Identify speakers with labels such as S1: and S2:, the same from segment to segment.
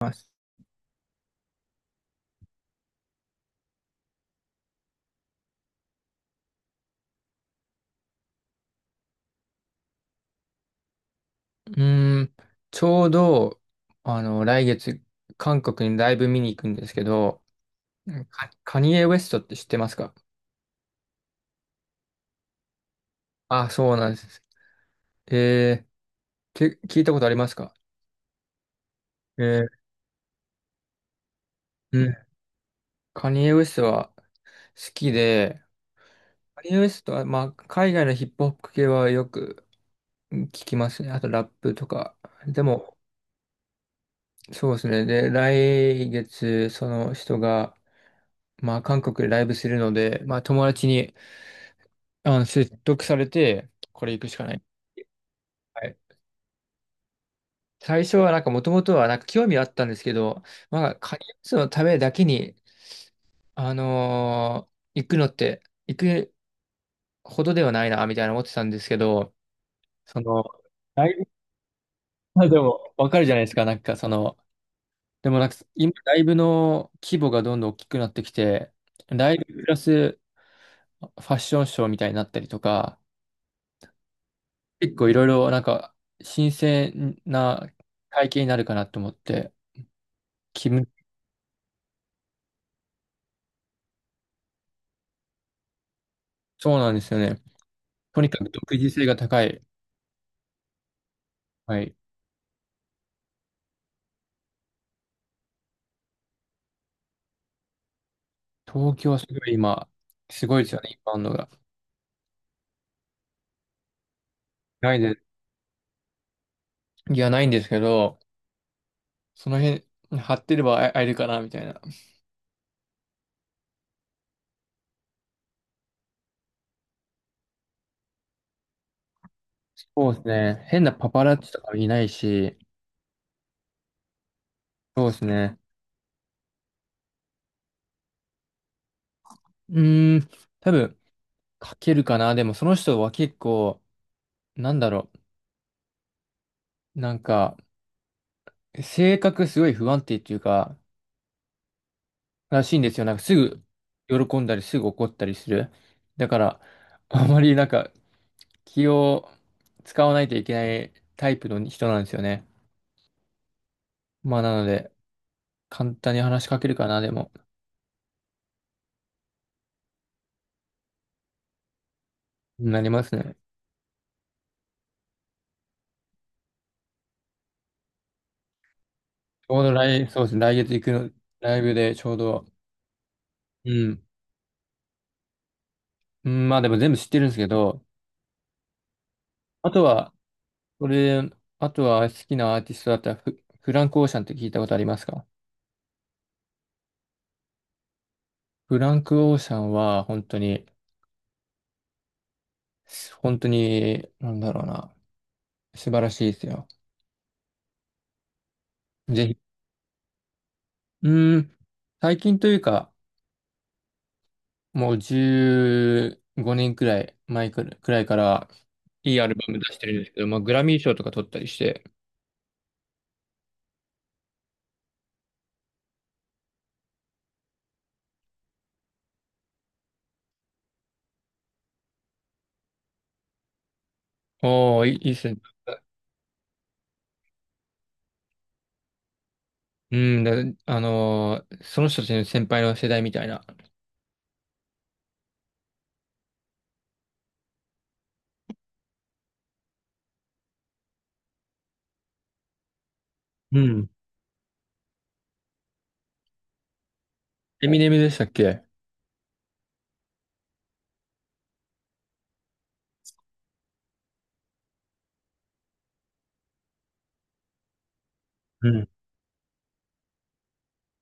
S1: ます。うーん、ちょうど、来月、韓国にライブ見に行くんですけど、カニエ・ウェストって知ってますか？あ、そうなんです。えー、聞いたことありますか？えー、うん。カニエ・ウェストは好きで、カニエ・ウェストは、まあ、海外のヒップホップ系はよく聞きますね。あとラップとか。でも、そうですね。で、来月、その人が、まあ、韓国でライブするので、まあ、友達に、説得されて、これ行くしかない。はい。最初はなんかもともとはなんか興味あったんですけど、まあ、カニスのためだけに、行くのって、行くほどではないな、みたいな思ってたんですけど、その、ライブ、まあ でもわかるじゃないですか、なんかその、でもなんか今、ライブの規模がどんどん大きくなってきて、ライブプラスファッションショーみたいになったりとか、結構いろいろなんか新鮮な体験になるかなと思って、気分、そうなんですよね。とにかく独自性が高い。はい。東京はすごい今、すごいですよね、インバウンドが。ないで、いや、ないんですけど、その辺、張ってれば会えるかな、みたいな。そうですね。変なパパラッチとかもいないし、そうですね。うーん、多分、書けるかな。でも、その人は結構、なんだろう、なんか、性格すごい不安定っていうか、らしいんですよ。なんか、すぐ喜んだり、すぐ怒ったりする。だから、あまりなんか、気を使わないといけないタイプの人なんですよね。まあ、なので、簡単に話しかけるかな、でも、なりますね。ちょうどそうですね、来月行くの、ライブでちょうど、うん、うん、まあでも全部知ってるんですけど、あとは、これ、あとは好きなアーティストだったらフランク・オーシャンって聞いたことありますか？フランク・オーシャンは、本当に、本当に、なんだろうな、素晴らしいですよ。ぜひ、うん、最近というか、もう15年くらい前くらいくらいから、いいアルバム出してるんですけど、まあ、グラミー賞とか取ったりして、おー、いいいいっすね。うん、その人たちの先輩の世代みたいな。うん、エミネムでしたっけ？うん、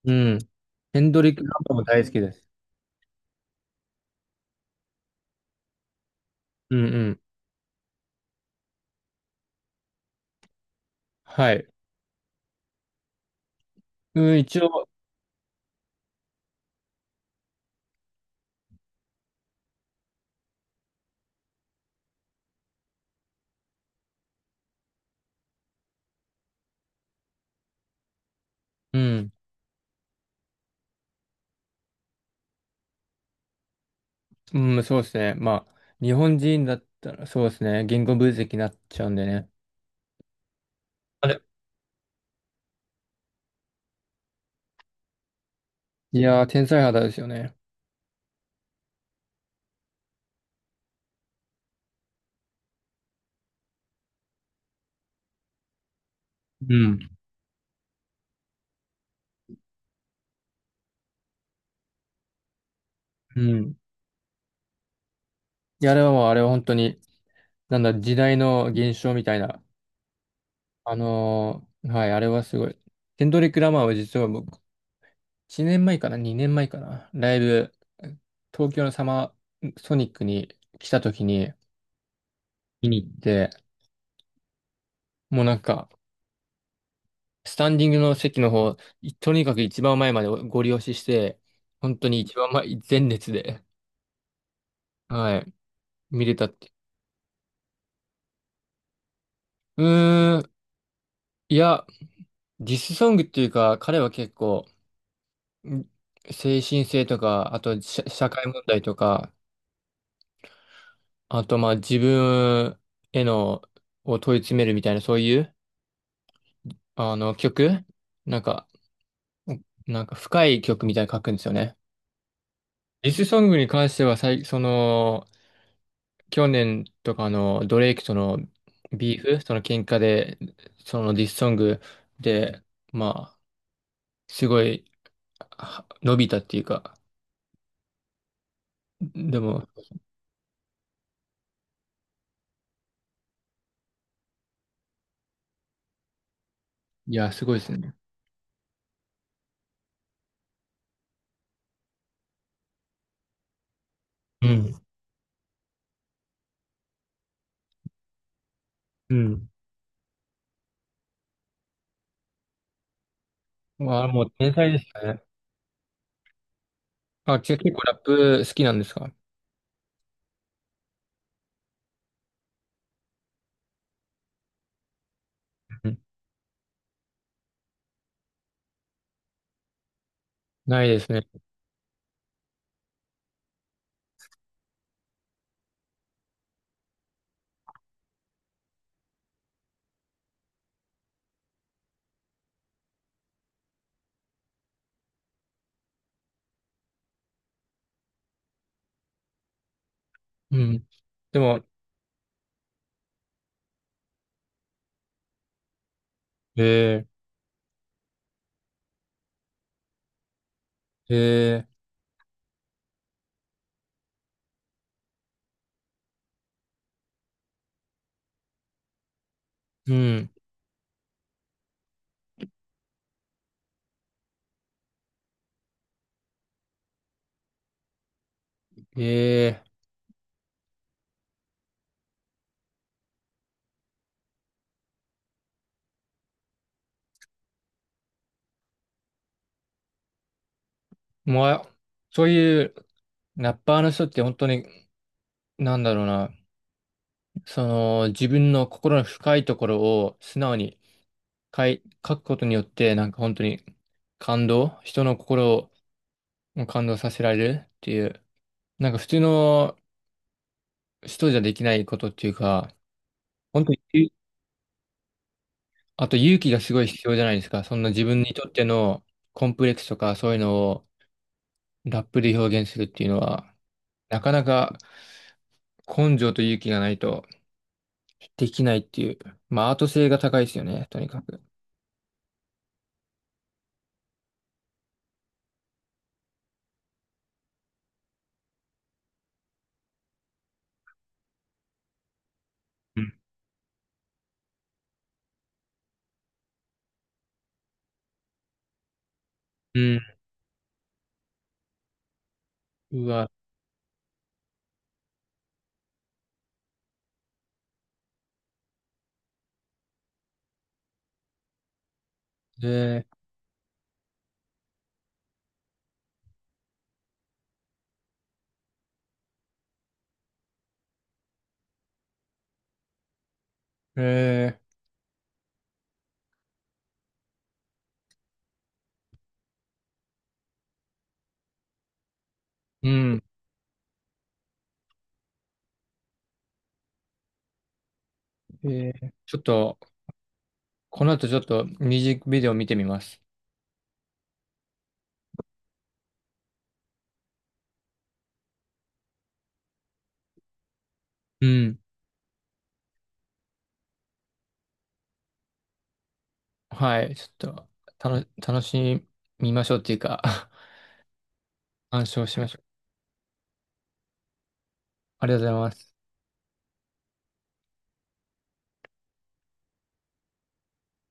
S1: うん。ヘンドリック・ランプも大好きです。うんうん。はい。うん、一応、うん、うん、そうですね。まあ、日本人だったらそうですね。言語分析になっちゃうんでね。あれ、いやー、天才肌ですよね。うん。うん。いや、あれはもう、あれは本当に、なんだ、時代の現象みたいな。はい、あれはすごい。ケンドリック・ラマーは実は僕、1年前かな、2年前かな、ライブ、東京のサマーソニックに来た時に見に行って、もうなんか、スタンディングの席の方、とにかく一番前までご利用して、本当に一番前、前列で、はい、見れたって。うーん、いや、ディスソングっていうか、彼は結構、ん精神性とか、あと社会問題とか、あとまあ自分への、を問い詰めるみたいな、そういう、あの曲なんか、なんか深い曲みたいに書くんですよね。ディスソングに関しては、その、去年とかのドレイクとのビーフ、その喧嘩で、そのディスソングで、まあ、すごいは伸びたっていうか、でも、いや、すごいですね。うん。うん。まあ、もう天才ですね。あ、結構ラップ好きなんですか？うん、ないですね。うん。でも、えー、えうん、えもう、あ、そういうラッパーの人って本当に、なんだろうな、その、自分の心の深いところを素直に書くことによって、なんか本当に感動、人の心を感動させられるっていう、なんか普通の人じゃできないことっていうか、本当にあと勇気がすごい必要じゃないですか。そんな自分にとってのコンプレックスとかそういうのをラップで表現するっていうのは、なかなか根性と勇気がないとできないっていう。まあアート性が高いですよね、とにかく。うん。うん。うわ、えー、えうん。ちょっと、この後ちょっとミュージックビデオ見てみます。うん。はい、ちょっと、楽しみましょうっていうか、鑑賞しましょう。ありがとうございます。